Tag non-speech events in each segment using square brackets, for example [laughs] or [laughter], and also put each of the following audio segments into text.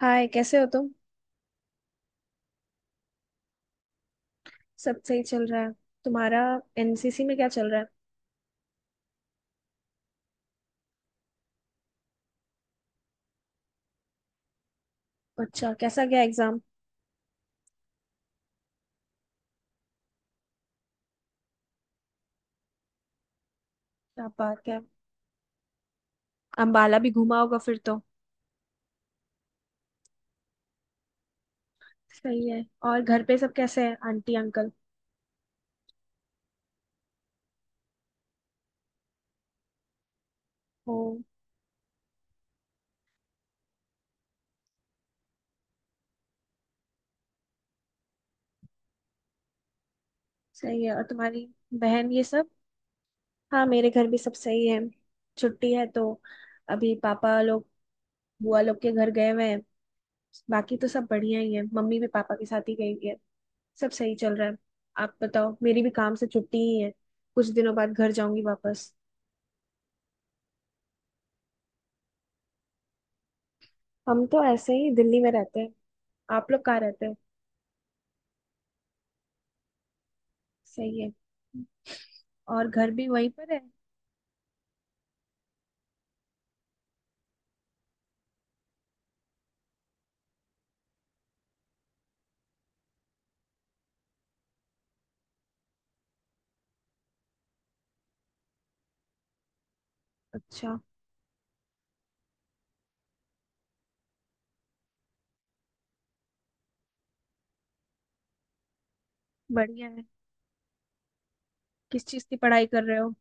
हाय, कैसे हो तुम। सब सही चल रहा है। तुम्हारा एनसीसी में क्या चल रहा है। अच्छा, कैसा गया एग्जाम। क्या बात है। अंबाला भी घूमा होगा फिर तो। सही है। और घर पे सब कैसे हैं, आंटी अंकल। ओ। सही है। और तुम्हारी बहन ये सब। हाँ, मेरे घर भी सब सही है। छुट्टी है तो अभी पापा लोग बुआ लोग के घर गए हुए हैं। बाकी तो सब बढ़िया ही है, मम्मी भी पापा के साथ ही गई हुई है। सब सही चल रहा है। आप बताओ। मेरी भी काम से छुट्टी ही है, कुछ दिनों बाद घर जाऊंगी वापस। हम तो ऐसे ही दिल्ली में रहते हैं। आप लोग कहाँ रहते हैं। सही है। और घर भी वहीं पर है। अच्छा। बढ़िया है। किस चीज़ की पढ़ाई कर रहे हो।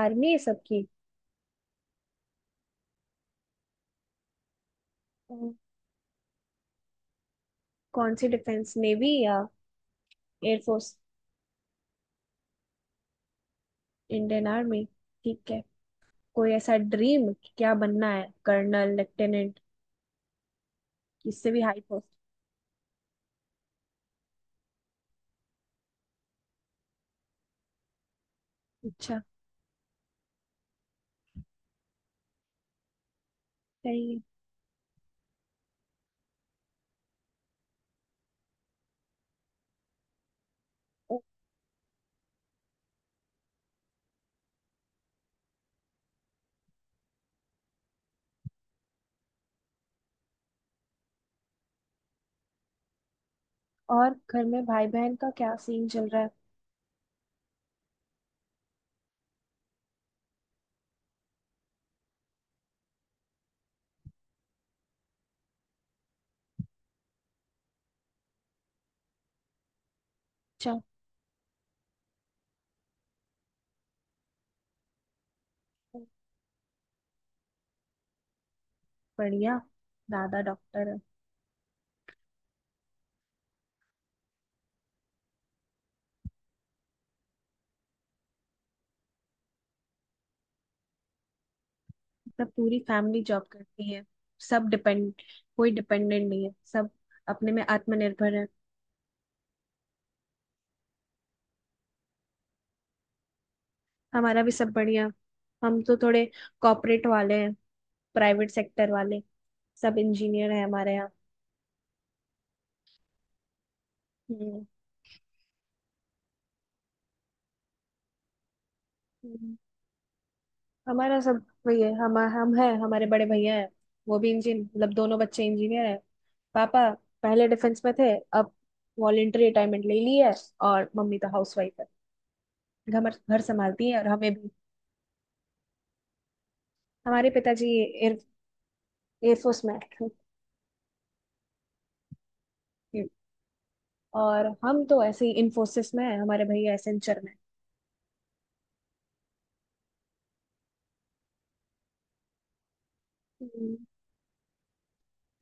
आर्मी है सबकी। अम, कौन सी डिफेंस, नेवी या एयरफोर्स। Indian army. ठीक है। कोई ऐसा ड्रीम कि क्या बनना है, कर्नल, लेफ्टिनेंट। इससे भी हाई पोस्ट। अच्छा। सही है। ओ। और घर में भाई बहन का क्या सीन चल रहा है। अच्छा। बढ़िया। दादा डॉक्टर है। सब पूरी फैमिली जॉब करती है। सब डिपेंड, कोई डिपेंडेंट नहीं है, सब अपने में आत्मनिर्भर है। हमारा भी सब बढ़िया। हम तो थोड़े कॉर्पोरेट वाले हैं, प्राइवेट सेक्टर वाले। सब इंजीनियर है हमारे यहाँ। हम्म, हम्म। हमारा सब वही है, हम है, हमारे बड़े भैया है। वो भी इंजीन मतलब दोनों बच्चे इंजीनियर है। पापा पहले डिफेंस में थे, अब वॉलेंटरी रिटायरमेंट ले ली है। और मम्मी तो हाउस वाइफ है, घर घर संभालती है और हमें भी। हमारे पिताजी एयरफोर्स में है। [laughs] ये। और हम तो ऐसे ही इन्फोसिस में है, हमारे भैया एसेंचर में। हम्म।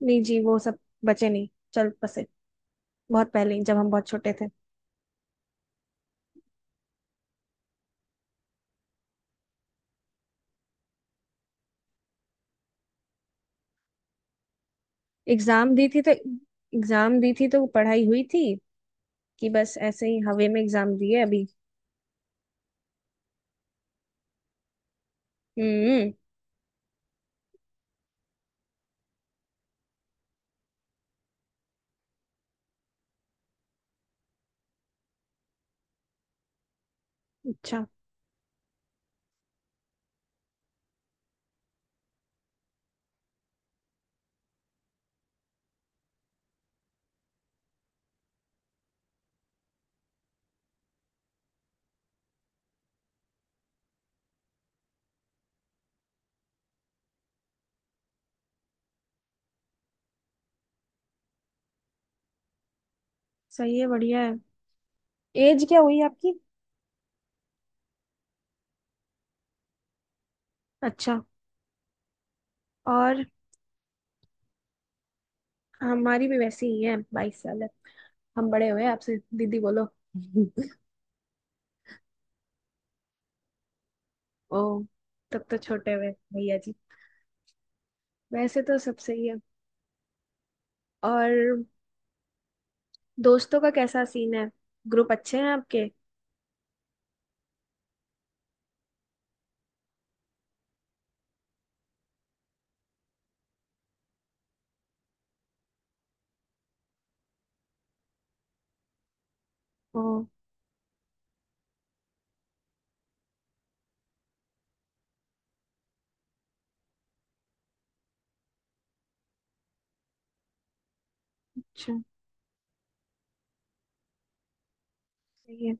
नहीं जी, वो सब बचे नहीं, चल बसे। बहुत पहले ही, जब हम बहुत छोटे थे। एग्जाम दी थी तो पढ़ाई हुई थी, कि बस ऐसे ही हवे में एग्जाम दिए अभी। हम्म। अच्छा, सही है, बढ़िया है। एज क्या हुई आपकी। अच्छा। और हमारी भी वैसी ही है, 22 साल है। हम बड़े हुए आपसे, दीदी बोलो। [laughs] ओ। तब तो छोटे हुए, भैया जी। वैसे तो सब सही है। और दोस्तों का कैसा सीन है, ग्रुप अच्छे हैं आपके। ओ, अच्छा, सही है।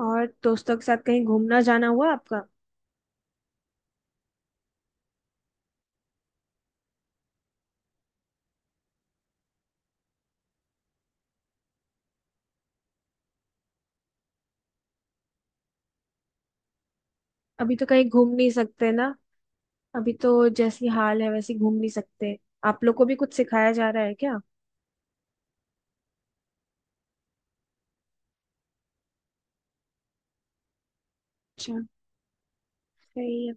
और दोस्तों के साथ कहीं घूमना जाना हुआ आपका। अभी तो कहीं घूम नहीं सकते ना। अभी तो जैसी हाल है वैसी घूम नहीं सकते। आप लोग को भी कुछ सिखाया जा रहा है क्या। अच्छा, सही है।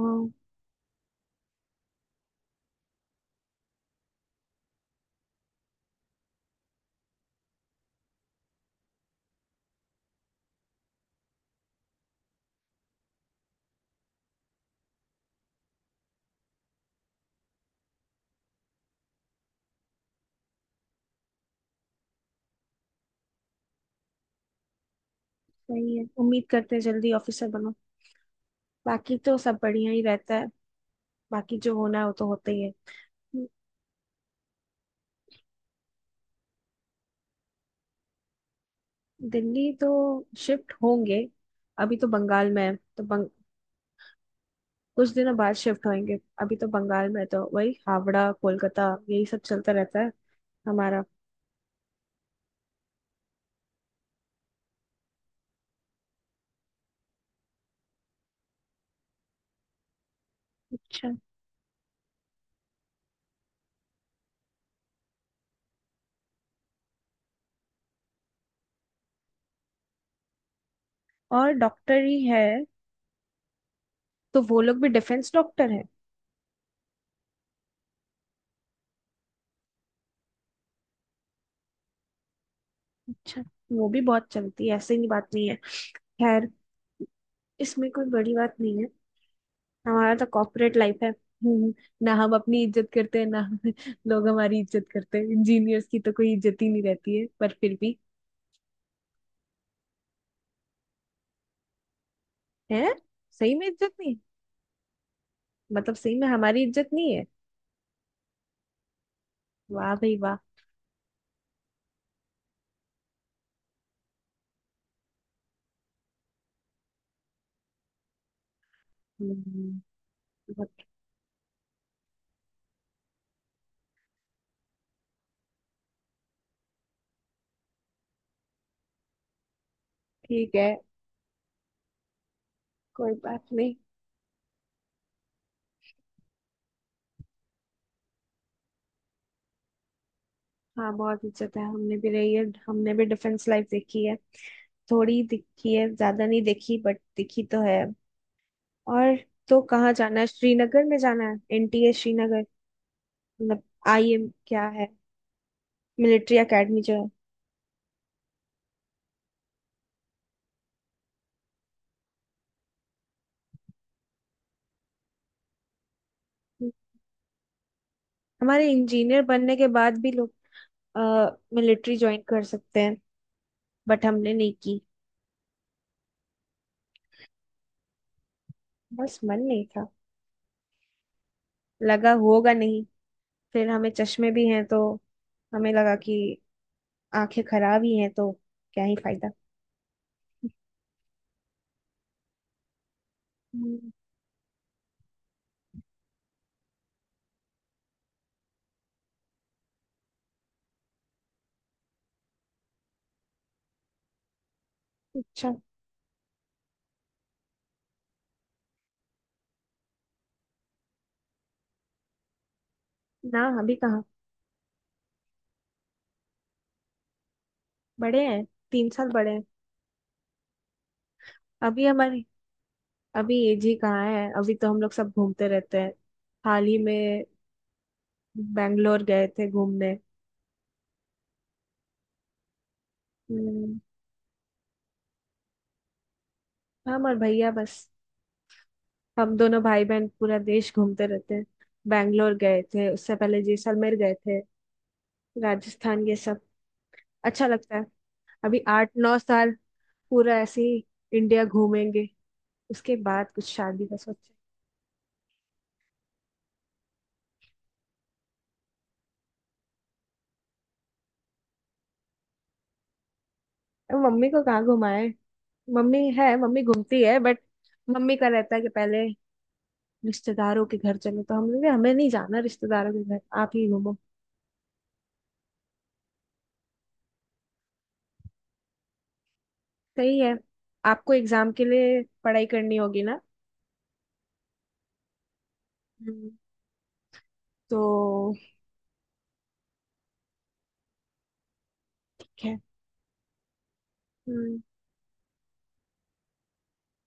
ओ, सही है। उम्मीद करते हैं जल्दी ऑफिसर बनो। बाकी तो सब बढ़िया ही रहता है। बाकी जो होना है वो तो होता ही है। दिल्ली तो शिफ्ट होंगे। अभी तो बंगाल में है तो कुछ दिनों बाद शिफ्ट होंगे। अभी तो बंगाल में है तो वही हावड़ा कोलकाता, यही सब चलता रहता है हमारा। अच्छा। और डॉक्टर ही है तो वो लोग भी डिफेंस डॉक्टर है। अच्छा। वो भी बहुत चलती है, ऐसे ही बात नहीं है। खैर, इसमें कोई बड़ी बात नहीं है। हमारा तो कॉर्पोरेट लाइफ है। ना हम अपनी इज्जत करते हैं, ना [laughs] हम लोग हमारी इज्जत करते हैं। इंजीनियर्स की तो कोई इज्जत ही नहीं रहती है, पर फिर भी है। सही में इज्जत नहीं, मतलब सही में हमारी इज्जत नहीं है। वाह भाई वाह। हम्म। बस, ठीक है, कोई बात नहीं। हाँ, बहुत इज्जत है, हमने भी रही है, हमने भी डिफेंस लाइफ देखी है। थोड़ी दिखी है, ज्यादा नहीं देखी, बट दिखी तो है। और तो कहाँ जाना है, श्रीनगर में जाना है, एनटीए श्रीनगर। मतलब आईएम क्या है, मिलिट्री एकेडमी जो है। हमारे इंजीनियर बनने के बाद भी लोग मिलिट्री ज्वाइन कर सकते हैं, बट हमने नहीं की। बस मन नहीं था, लगा होगा नहीं। फिर हमें चश्मे भी हैं तो हमें लगा कि आंखें खराब ही हैं तो क्या ही फायदा। अच्छा। ना, अभी कहाँ। बड़े हैं, 3 साल बड़े हैं। अभी हमारी अभी एज ही कहाँ है, अभी तो हम लोग सब घूमते रहते हैं। हाल ही में बैंगलोर गए थे घूमने। हम्म। हम और भैया बस, हम दोनों भाई बहन पूरा देश घूमते रहते हैं। बैंगलोर गए थे, उससे पहले जैसलमेर गए थे, राजस्थान ये सब, अच्छा लगता है। अभी 8-9 साल पूरा ऐसे ही इंडिया घूमेंगे, उसके बाद कुछ शादी का सोचे। अब मम्मी को कहाँ घुमाए। मम्मी है, मम्मी घूमती है बट मम्मी का रहता है कि पहले रिश्तेदारों के घर चलो, तो हमने कहा, हमें नहीं जाना रिश्तेदारों के घर, आप ही घूमो। सही है। आपको एग्जाम के लिए पढ़ाई करनी होगी ना। हम्म। तो ठीक है।